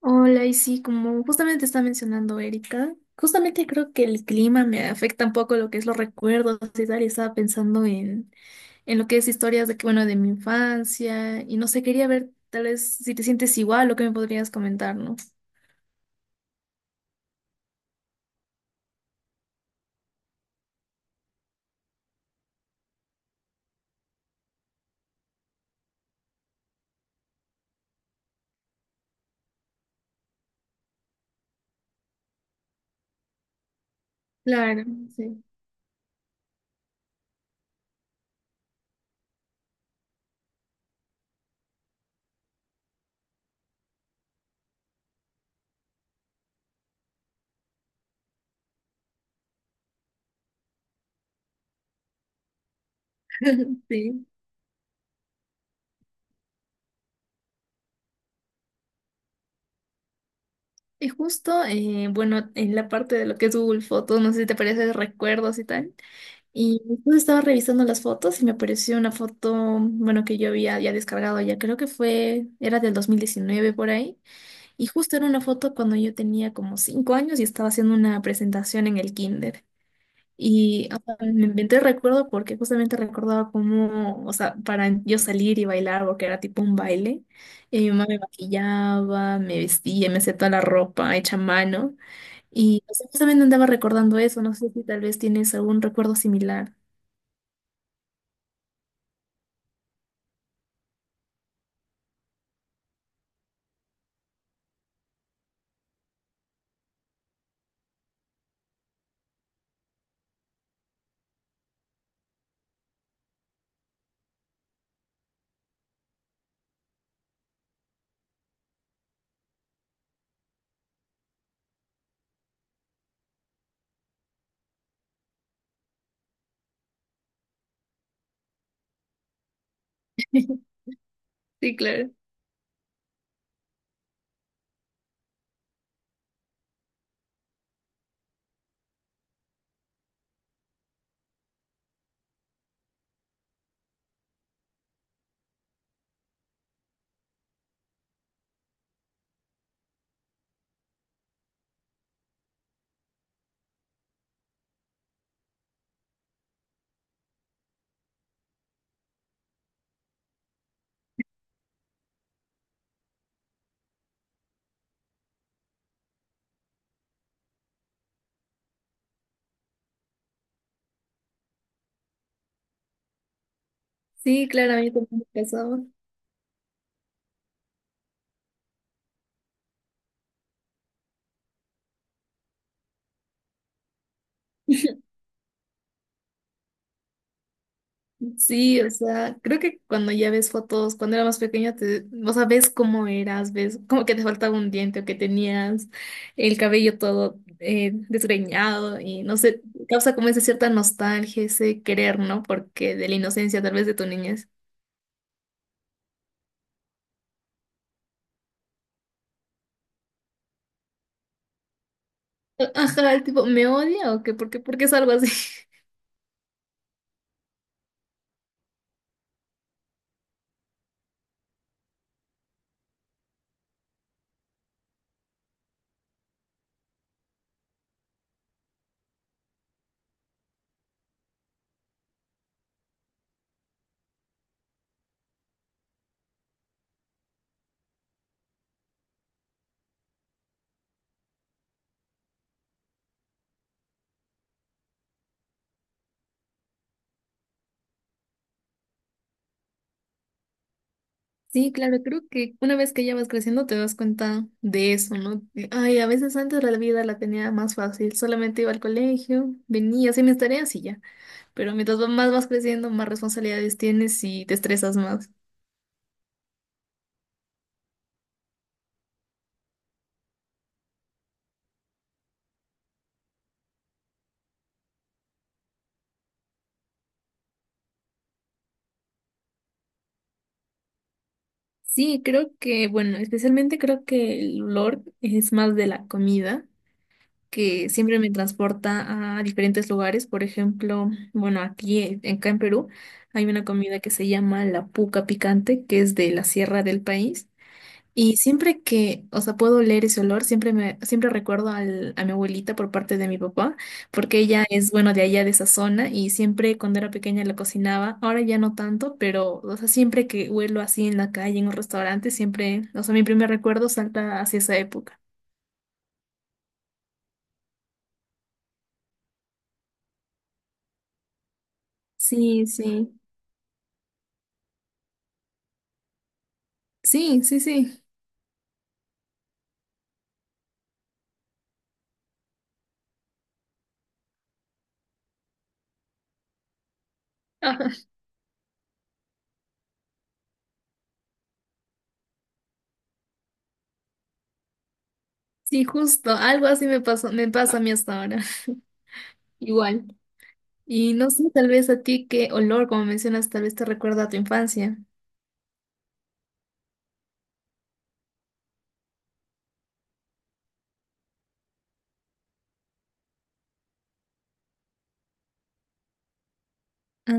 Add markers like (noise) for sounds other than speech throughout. Hola, y sí, como justamente está mencionando Erika, justamente creo que el clima me afecta un poco lo que es los recuerdos y tal, y estaba pensando en lo que es historias de, que, bueno, de mi infancia, y no sé, quería ver tal vez si te sientes igual o qué me podrías comentar, ¿no? Claro, sí. (laughs) Sí. Y justo, bueno, en la parte de lo que es Google Fotos, no sé si te parece recuerdos y tal. Y después estaba revisando las fotos y me apareció una foto, bueno, que yo había ya descargado ya, creo que fue, era del 2019 por ahí, y justo era una foto cuando yo tenía como 5 años y estaba haciendo una presentación en el kinder. Y o sea, me inventé el recuerdo porque justamente recordaba cómo, o sea, para yo salir y bailar, porque era tipo un baile, y mi mamá me maquillaba, me vestía, me hacía toda la ropa hecha a mano, y o sea, justamente andaba recordando eso, no sé si tal vez tienes algún recuerdo similar. (laughs) Sí, claro. Sí, claro, a mí también me pasaba. (laughs) Sí, o sea, creo que cuando ya ves fotos, cuando era más pequeña, te, o sea, ves cómo eras, ves como que te faltaba un diente o que tenías el cabello todo desgreñado y no sé, causa como esa cierta nostalgia, ese querer, ¿no? Porque de la inocencia tal vez de tu niñez. Ajá, el tipo, ¿me odia o qué? ¿Por qué? ¿Por qué es algo así? Sí, claro, creo que una vez que ya vas creciendo te das cuenta de eso, ¿no? De, ay, a veces antes la vida la tenía más fácil, solamente iba al colegio, venía, hacía mis tareas y ya. Pero mientras más vas creciendo, más responsabilidades tienes y te estresas más. Sí, creo que, bueno, especialmente creo que el olor es más de la comida, que siempre me transporta a diferentes lugares. Por ejemplo, bueno, aquí, acá en Perú, hay una comida que se llama la puca picante, que es de la sierra del país. Y siempre que, o sea, puedo leer ese olor, siempre me, siempre recuerdo a mi abuelita por parte de mi papá, porque ella es, bueno, de allá de esa zona y siempre cuando era pequeña la cocinaba, ahora ya no tanto, pero, o sea, siempre que huelo así en la calle, en un restaurante, siempre, o sea, mi primer recuerdo salta hacia esa época. Sí, sí. Sí, sí, sí. Ajá. Sí, justo, algo así me pasó, me pasa a mí hasta ahora. (laughs) Igual. Y no sé, tal vez a ti qué olor, como mencionas, tal vez te recuerda a tu infancia. Ah.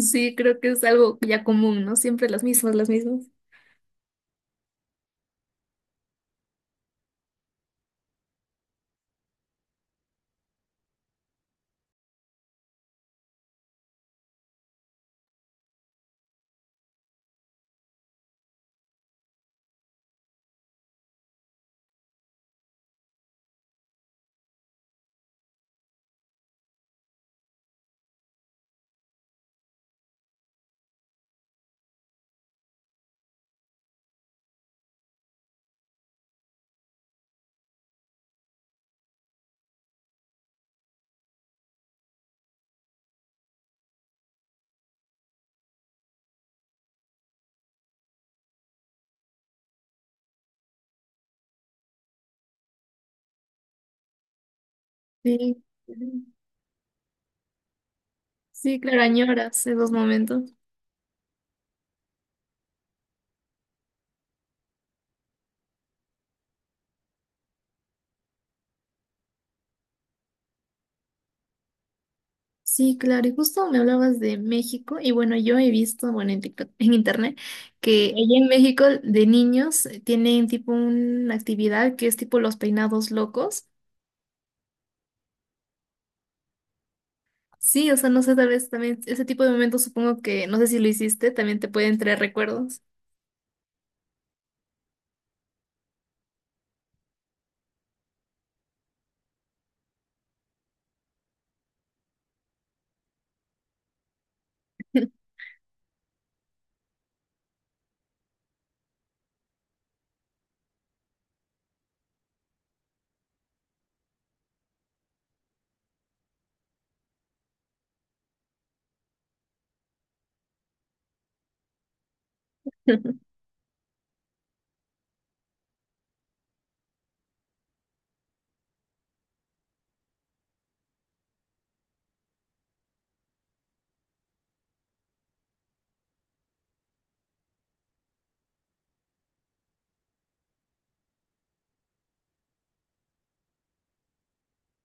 Sí, creo que es algo ya común, ¿no? Siempre las mismas, las mismas. Sí, sí, claro, añoras esos momentos. Sí, claro, y justo me hablabas de México, y bueno, yo he visto, bueno, en TikTok, en internet, que allá en México de niños tienen tipo una actividad que es tipo los peinados locos. Sí, o sea, no sé, tal vez también ese tipo de momentos supongo que, no sé si lo hiciste, también te pueden traer recuerdos. (laughs)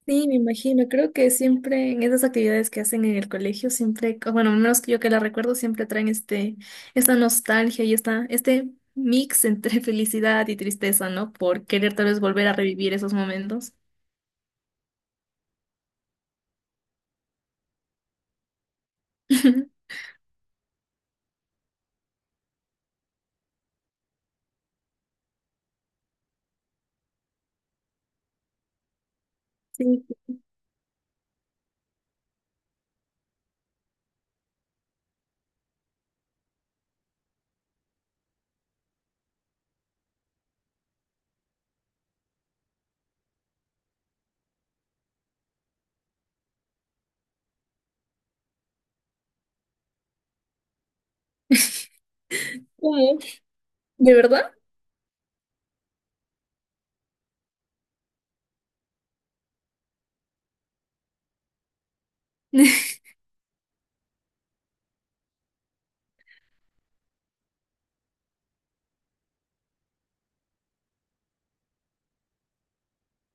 Sí, me imagino. Creo que siempre en esas actividades que hacen en el colegio, siempre, bueno, al menos que yo que la recuerdo, siempre traen este, esta nostalgia y esta, este mix entre (laughs) felicidad y tristeza, ¿no? Por querer tal vez volver a revivir esos momentos. (laughs) Sí, ¿cómo? ¿De verdad? (laughs)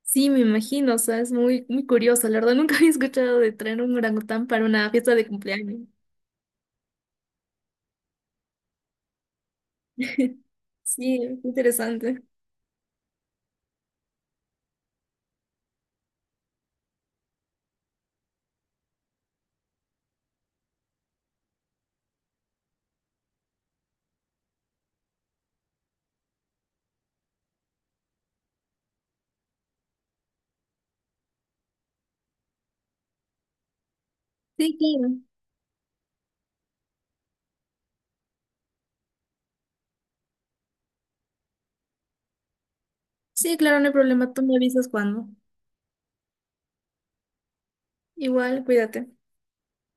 Sí, me imagino. O sea, es muy, muy curioso. La verdad, nunca había escuchado de traer un orangután para una fiesta de cumpleaños. (laughs) Sí, interesante. Sí, claro. Sí, claro, no hay problema. Tú me avisas cuando. Igual, cuídate.